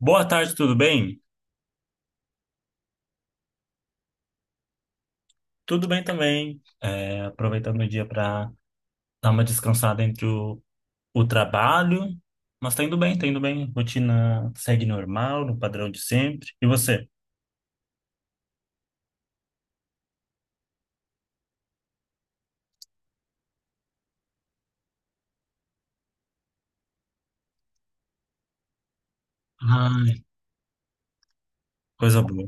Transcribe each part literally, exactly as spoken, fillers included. Boa tarde, tudo bem? Tudo bem também. É, aproveitando o dia para dar uma descansada entre o, o trabalho, mas tá indo bem, tá indo bem. Rotina segue normal, no padrão de sempre. E você? Ai, coisa boa.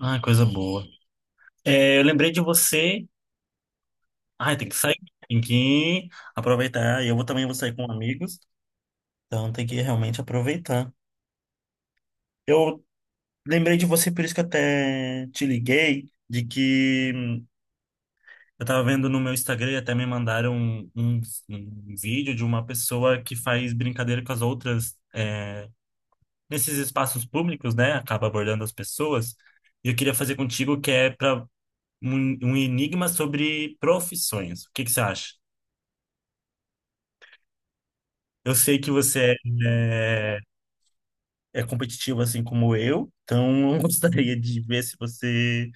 Ai, coisa boa. É, eu lembrei de você. Ai, tem que sair, tem que aproveitar. E Eu vou também, vou sair com amigos, então tem que realmente aproveitar. Eu lembrei de você, por isso que até te liguei, de que eu tava vendo no meu Instagram e até me mandaram um, um, um vídeo de uma pessoa que faz brincadeira com as outras é, nesses espaços públicos, né? Acaba abordando as pessoas. E eu queria fazer contigo, que é para um, um enigma sobre profissões. O que que você acha? Eu sei que você é, é é competitivo assim como eu, então eu gostaria de ver se você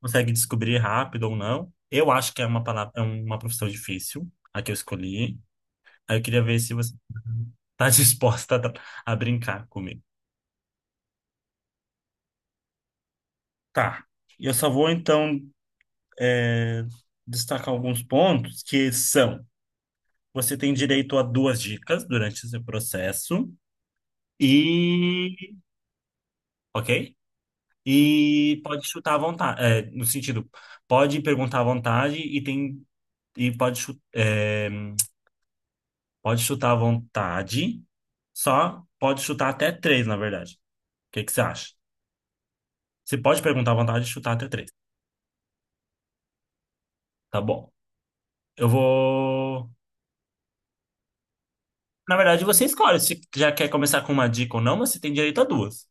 consegue descobrir rápido ou não. Eu acho que é uma palavra, é uma profissão difícil, a que eu escolhi. Aí eu queria ver se você tá disposta a, a brincar comigo. Tá. E eu só vou, então, é, destacar alguns pontos que são: você tem direito a duas dicas durante esse processo, e. Ok? E pode chutar à vontade. É, no sentido, pode perguntar à vontade e tem. E pode, chu- é, pode chutar à vontade, só pode chutar até três, na verdade. O que que você acha? Você pode perguntar à vontade e chutar até três. Tá bom. Eu vou. Na verdade, você escolhe se já quer começar com uma dica ou não, mas você tem direito a duas.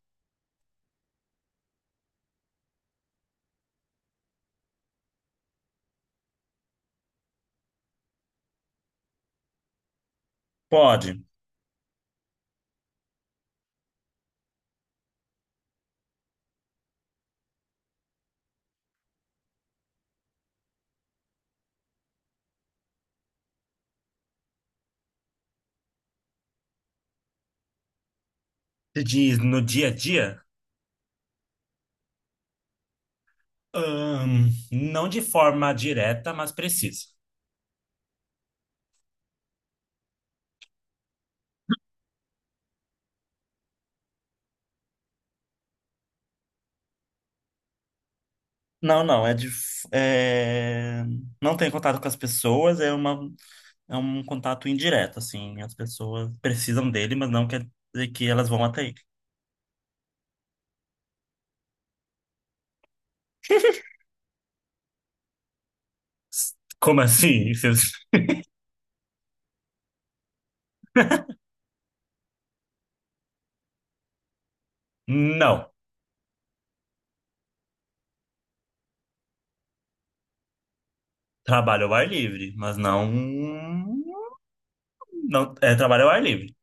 Pode. Se diz no dia a dia? Ahn, não de forma direta, mas precisa. Não, não, é de. f- é, não tem contato com as pessoas, é uma... é um contato indireto, assim. As pessoas precisam dele, mas não quer dizer que elas vão até ele. Como assim? Vocês- Não. Trabalho ao ar livre, mas não. Não, é trabalho ao ar livre.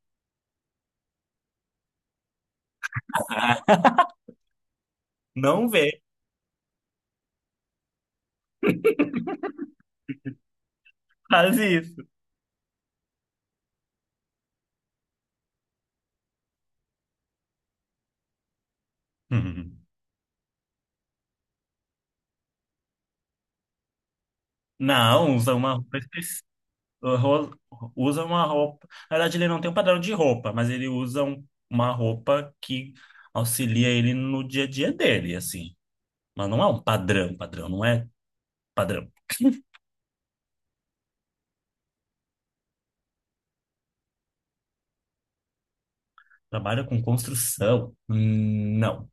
Não faz isso. Não, usa uma roupa específica. Usa uma roupa. Na verdade, ele não tem um padrão de roupa, mas ele usa um- uma roupa que auxilia ele no dia a dia dele, assim. Mas não é um padrão, padrão, não é padrão. Trabalha com construção? Hum, Não.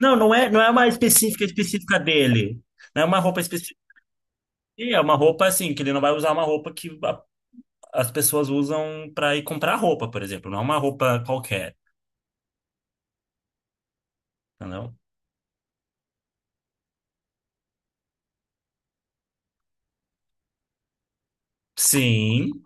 Não, não é, não é uma específica específica dele. Não é uma roupa específica. É uma roupa assim, que ele não vai usar uma roupa que a- as pessoas usam para ir comprar roupa, por exemplo. Não é uma roupa qualquer, entendeu? Sim,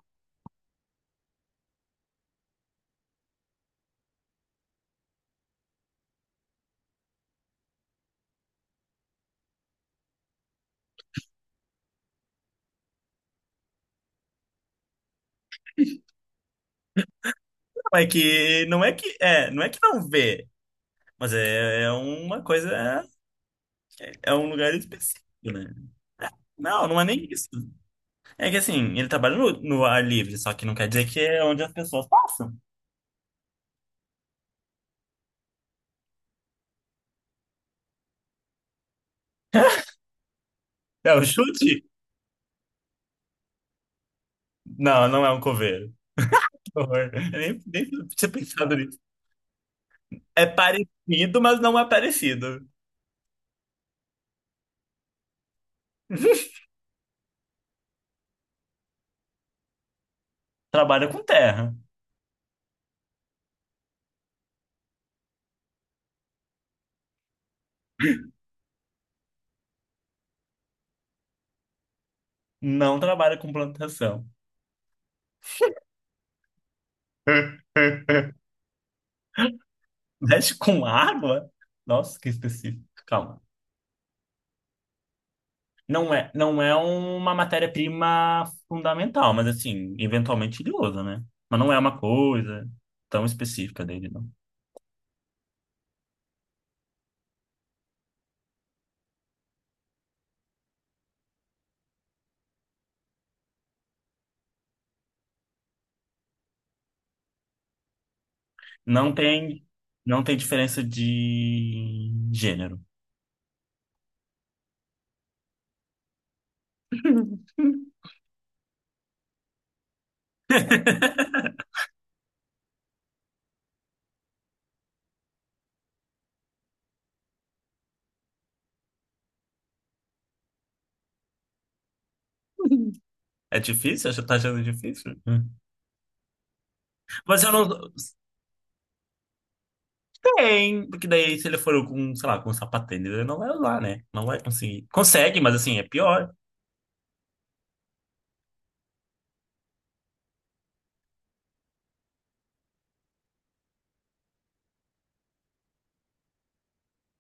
não é que não é que é, não é que não vê, mas é, é uma coisa, é um lugar específico, né? Não, não é nem isso. É que assim, ele trabalha no, no ar livre, só que não quer dizer que é onde as pessoas passam. É o chute? Não, não é um coveiro. Que horror. Eu nem, nem tinha pensado nisso. É parecido, mas não é parecido. Trabalha com terra, não trabalha com plantação. Mexe com água? Nossa, que específico. Calma. Não é, não é uma matéria-prima fundamental, mas assim, eventualmente ele usa, né? Mas não é uma coisa tão específica dele, não. Não tem, não tem diferença de gênero. É difícil? Você tá achando difícil? Hum. Mas eu não. Tem, porque daí se ele for com, sei lá, com sapatênis, ele não vai usar, né? Não vai conseguir. Consegue, mas assim, é pior.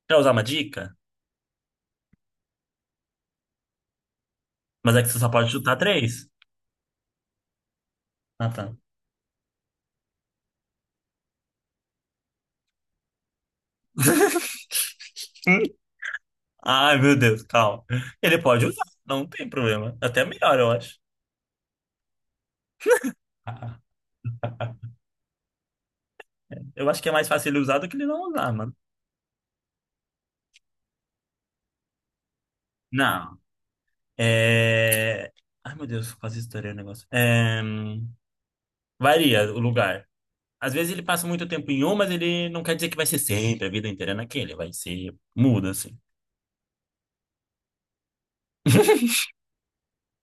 Quer usar uma dica? Mas é que você só pode chutar três. Ah, tá. Ai, meu Deus, calma. Ele pode usar, não tem problema. Até melhor, eu acho. Ah, eu acho que é mais fácil ele usar do que ele não usar, mano. Não. É... Ai, meu Deus, quase estourei o negócio. É... hum, Varia o lugar. Às vezes ele passa muito tempo em um, mas ele não quer dizer que vai ser sempre, a vida inteira é naquele. Vai ser... Muda, assim.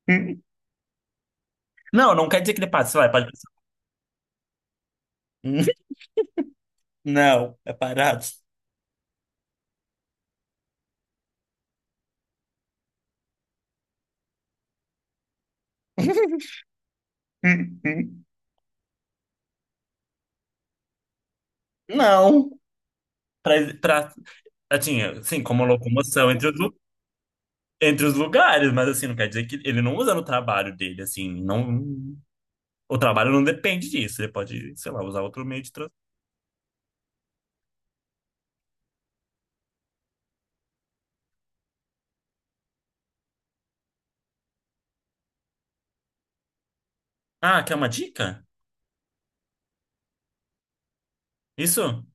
Não, não quer dizer que ele passa. Vai, pode passar. Não, é parado. Não. Pra, pra, assim, assim, como locomoção entre os entre os lugares, mas assim, não quer dizer que ele não usa no trabalho dele, assim, não, o trabalho não depende disso, ele pode, sei lá, usar outro meio de transporte. Ah, quer uma dica? Isso?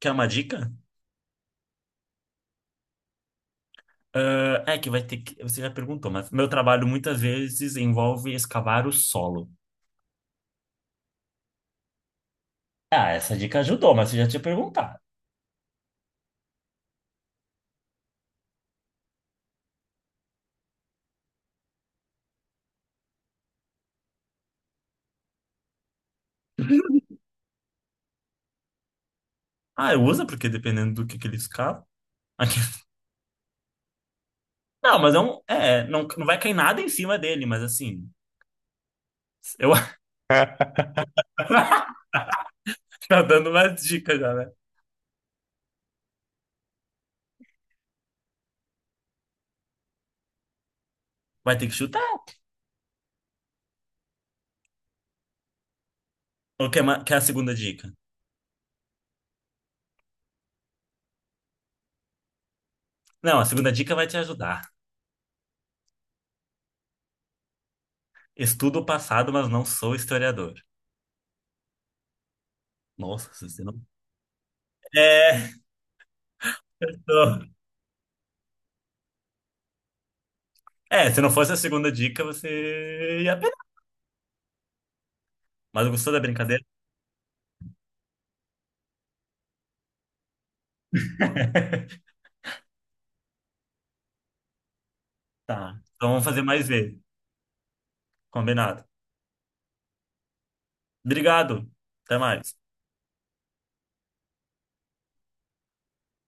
Quer uma dica? Ah, é que vai ter que, você já perguntou, mas meu trabalho muitas vezes envolve escavar o solo. Ah, essa dica ajudou, mas você já tinha perguntado. Ah, usa, porque dependendo do que, que ele escava. Aqui- Não, mas é, um, é não, não vai cair nada em cima dele, mas assim, eu tá dando umas dicas já, né? Vai ter que chutar. O que é, ma- que é a segunda dica? Não, a segunda dica vai te ajudar. Estudo o passado, mas não sou historiador. Nossa, se você não. É, tô- é, se não fosse a segunda dica, você ia. Pe- Mas gostou da brincadeira? Tá. Então vamos fazer mais vezes. Combinado. Obrigado. Até mais.